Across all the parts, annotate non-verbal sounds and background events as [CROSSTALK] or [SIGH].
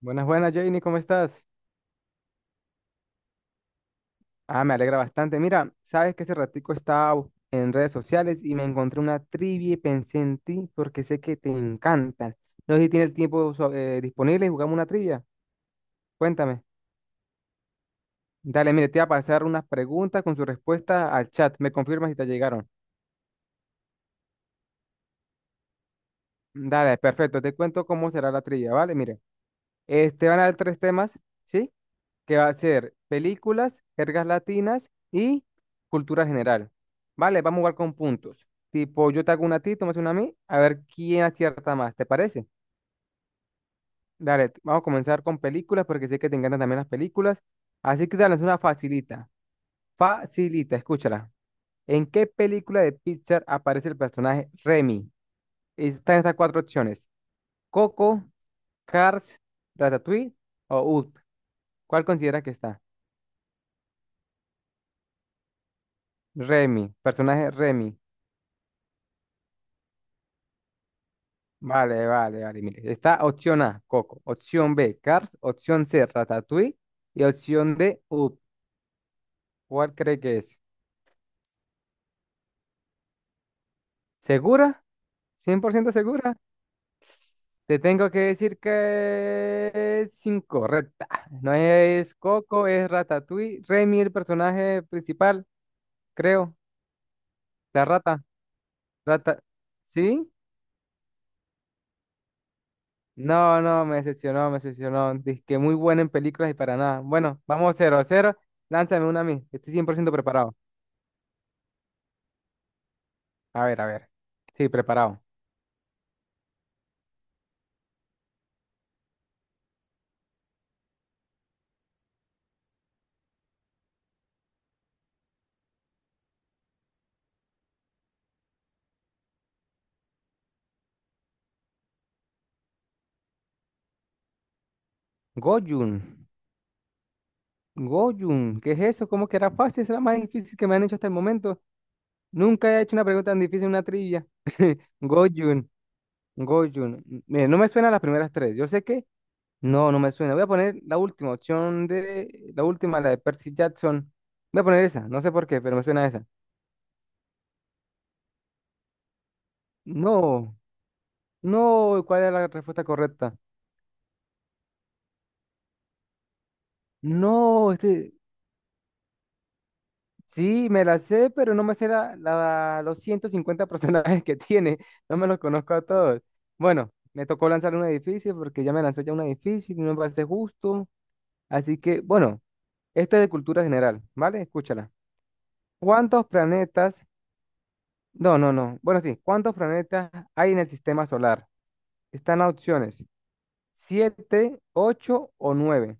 Buenas, buenas, Janie, ¿cómo estás? Ah, me alegra bastante. Mira, sabes que hace ratico estaba en redes sociales y me encontré una trivia y pensé en ti porque sé que te encantan. No sé si tienes el tiempo disponible y jugamos una trivia. Cuéntame. Dale, mire, te voy a pasar unas preguntas con su respuesta al chat. Me confirmas si te llegaron. Dale, perfecto. Te cuento cómo será la trivia, ¿vale? Mire, van a dar tres temas, ¿sí? Que va a ser películas, jergas latinas y cultura general. Vale, vamos a jugar con puntos. Tipo, yo te hago una a ti, tú me haces una a mí, a ver quién acierta más, ¿te parece? Dale, vamos a comenzar con películas porque sé que te encantan también las películas. Así que dale, es una facilita. Facilita, escúchala. ¿En qué película de Pixar aparece el personaje Remy? Están estas cuatro opciones. Coco, Cars, Ratatouille o Up. ¿Cuál consideras que está? Remy, personaje Remy. Vale, vale, vale. Mire, está opción A, Coco. Opción B, Cars. Opción C, Ratatouille. Y opción D, Up. ¿Cuál cree que es? ¿Segura? ¿Cien por ciento segura? Te tengo que decir que es incorrecta. No es Coco, es Ratatouille. Remy, el personaje principal, creo. La rata. Rata. ¿Sí? No, no, me decepcionó, me decepcionó. Dice que muy buena en películas y para nada. Bueno, vamos cero a 0. Lánzame una a mí. Estoy cien por ciento preparado. A ver, a ver. Sí, preparado. Goyun. Goyun. ¿Qué es eso? ¿Cómo que era fácil? Es la más difícil que me han hecho hasta el momento. Nunca he hecho una pregunta tan difícil en una trivia. [LAUGHS] Goyun. Goyun. Mire, no me suena las primeras tres. Yo sé que no me suena. Voy a poner la última opción de la última, la de Percy Jackson. Voy a poner esa. No sé por qué, pero me suena esa. No, no. ¿Cuál era la respuesta correcta? No, Sí, me la sé, pero no me sé los 150 [LAUGHS] personajes que tiene. No me los conozco a todos. Bueno, me tocó lanzar un edificio porque ya me lanzó ya un edificio y no me parece justo. Así que, bueno, esto es de cultura general, ¿vale? Escúchala. ¿Cuántos planetas? No, no, no. Bueno, sí, ¿cuántos planetas hay en el sistema solar? Están las opciones: siete, ocho o nueve.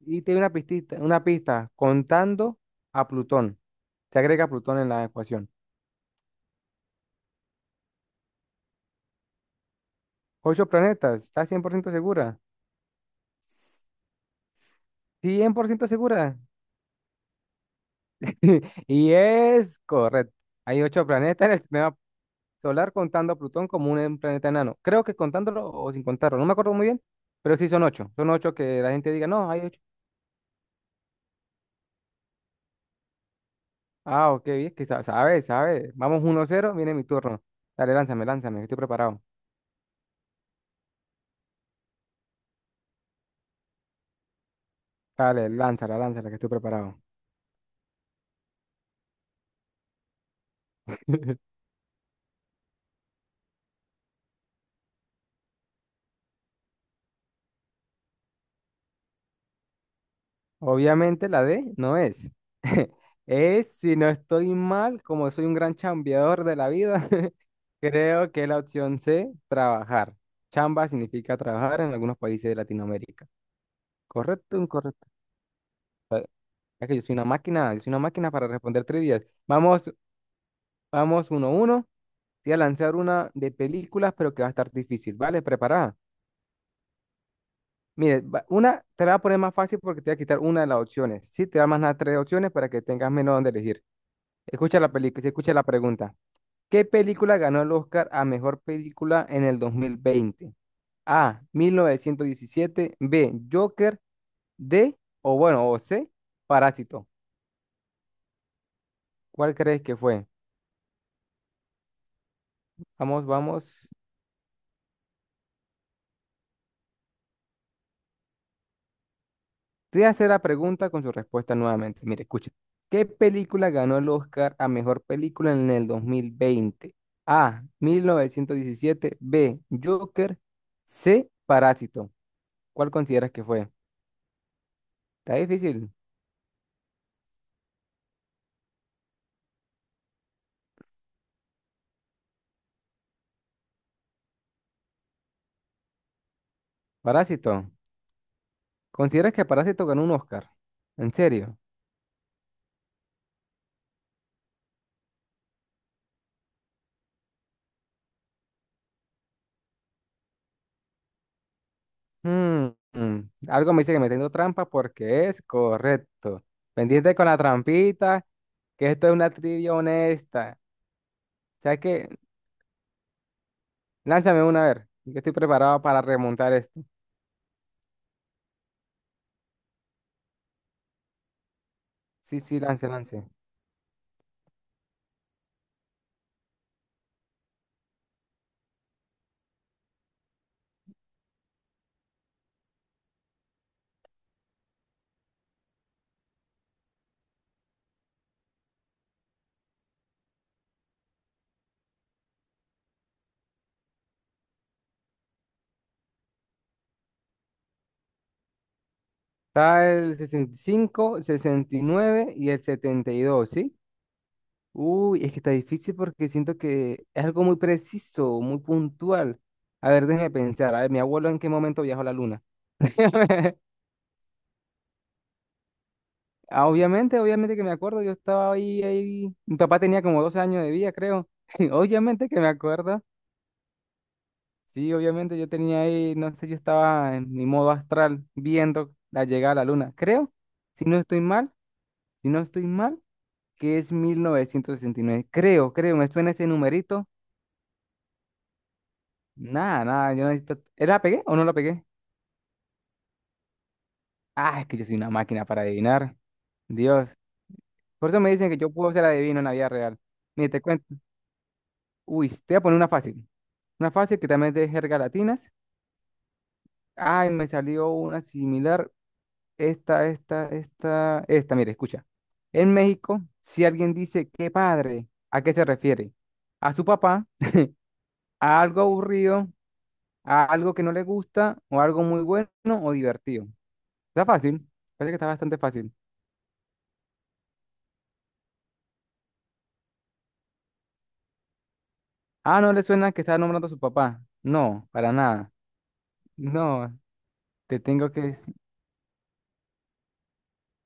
Y te doy una pistita, una pista, contando a Plutón. Se agrega Plutón en la ecuación. Ocho planetas, ¿estás 100% segura? Cien por ciento segura. [LAUGHS] Y es correcto. Hay ocho planetas en el sistema solar contando a Plutón como un planeta enano. Creo que contándolo o sin contarlo, no me acuerdo muy bien, pero sí son ocho. Son ocho que la gente diga, no, hay ocho. Ah, ok, bien, que sabe, sabe. Vamos 1 cero viene mi turno. Dale, lánzame, lánzame, que estoy preparado. Dale, lánzala, lánzala, que estoy preparado. [LAUGHS] Obviamente la D no es. [LAUGHS] Es, si no estoy mal, como soy un gran chambeador de la vida, [LAUGHS] creo que es la opción C, trabajar. Chamba significa trabajar en algunos países de Latinoamérica. ¿Correcto o incorrecto? Ah, es que yo soy una máquina, yo soy una máquina para responder trivias. Vamos, vamos uno a uno. Te voy a lanzar una de películas, pero que va a estar difícil. ¿Vale? Preparada. Mire, una te la voy a poner más fácil porque te voy a quitar una de las opciones. Sí, te voy a mandar tres opciones para que tengas menos donde elegir. Escucha la película, se escucha la pregunta. ¿Qué película ganó el Oscar a mejor película en el 2020? A, mil novecientos diecisiete. B, Joker. D. O bueno, o C, Parásito. ¿Cuál crees que fue? Vamos, vamos. Te voy a hacer la pregunta con su respuesta nuevamente. Mire, escucha. ¿Qué película ganó el Oscar a mejor película en el 2020? A, mil novecientos diecisiete. B, Joker. C, Parásito. ¿Cuál consideras que fue? Está difícil. Parásito. ¿Consideras que Parásito ganó un Oscar? ¿En serio? Mm, mm. Algo me dice que me tengo trampa porque es correcto. Pendiente con la trampita, que esto es una trivia honesta. O sea que, lánzame una a ver. Yo estoy preparado para remontar esto. Sí, sí, lance, lance. Está el 65, 69 y nueve y el 72, ¿sí? Uy, es que está difícil porque siento que es algo muy preciso, muy puntual. A ver, déjeme pensar. A ver, mi abuelo en qué momento viajó a la luna. [LAUGHS] Ah, obviamente, obviamente que me acuerdo, yo estaba ahí, ahí, mi papá tenía como 12 años de vida, creo. [LAUGHS] Obviamente que me acuerdo. Sí, obviamente yo tenía ahí, no sé, yo estaba en mi modo astral viendo la llegada a la luna. Creo, si no estoy mal, si no estoy mal, que es mil novecientos sesenta y nueve. Creo, creo, me suena ese numerito. Nada, nada, yo necesito... ¿La pegué o no la pegué? Ah, es que yo soy una máquina para adivinar. Dios. Por eso me dicen que yo puedo ser adivino en la vida real. Mire, te cuento. Uy, te voy a poner una fácil. Una fácil que también es de jerga latinas. Ay, me salió una similar. Esta, mire, escucha. En México, si alguien dice qué padre, ¿a qué se refiere? ¿A su papá? ¿A algo aburrido? ¿A algo que no le gusta? ¿O algo muy bueno o divertido? Está fácil. Parece que está bastante fácil. Ah, no le suena que está nombrando a su papá. No, para nada. No, te tengo que...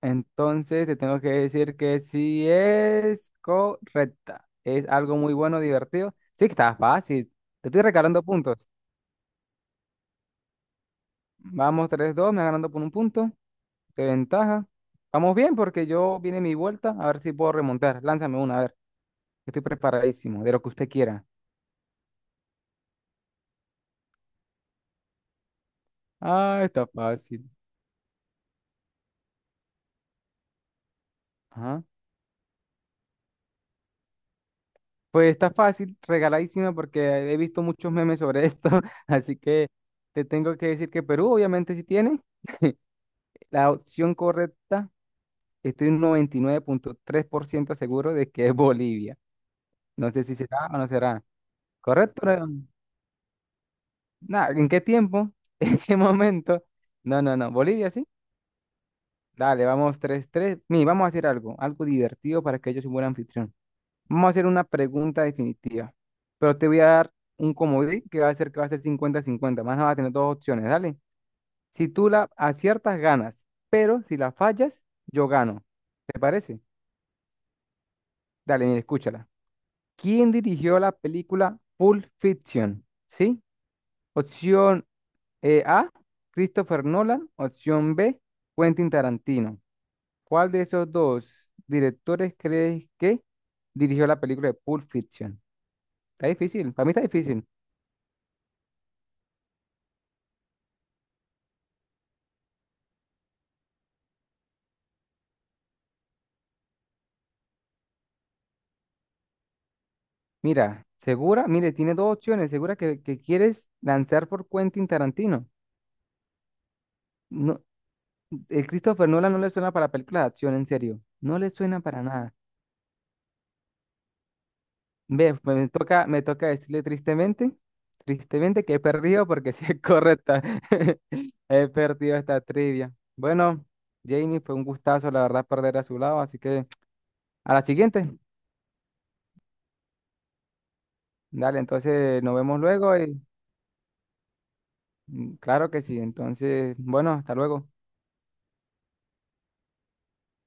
Entonces te tengo que decir que sí es correcta. Es algo muy bueno, divertido. Sí, que está fácil. Te estoy regalando puntos. Vamos tres dos, me vas ganando por un punto. De ventaja. Vamos bien porque yo viene mi vuelta. A ver si puedo remontar. Lánzame una, a ver. Estoy preparadísimo, de lo que usted quiera. Ah, está fácil. Ajá. Pues está fácil, regaladísima porque he visto muchos memes sobre esto. [LAUGHS] Así que te tengo que decir que Perú obviamente sí tiene. [LAUGHS] La opción correcta, estoy un 99.3% seguro de que es Bolivia. No sé si será o no será. ¿Correcto? Nada, ¿en qué tiempo? [LAUGHS] ¿En qué momento? No, no, no. ¿Bolivia, sí? Dale, vamos tres, tres. Mire, vamos a hacer algo, algo divertido para que yo sea un buen anfitrión. Vamos a hacer una pregunta definitiva. Pero te voy a dar un comodín que va a ser 50-50. Más nada vas a tener dos opciones, dale. Si tú la aciertas, ganas. Pero si la fallas, yo gano. ¿Te parece? Dale, mira, escúchala. ¿Quién dirigió la película Pulp Fiction? ¿Sí? Opción A, Christopher Nolan. Opción B, Quentin Tarantino. ¿Cuál de esos dos directores crees que dirigió la película de Pulp Fiction? Está difícil, para mí está difícil. Mira, segura, mire, tiene dos opciones. Segura que quieres lanzar por Quentin Tarantino. No, el Christopher Nolan no le suena para películas de acción, en serio. No le suena para nada. Ve, pues me toca decirle tristemente, tristemente que he perdido porque [LAUGHS] sí es correcta. [LAUGHS] He perdido esta trivia. Bueno, Janie, fue un gustazo, la verdad, perder a su lado, así que a la siguiente. Dale, entonces nos vemos luego y mm, claro que sí. Entonces, bueno, hasta luego.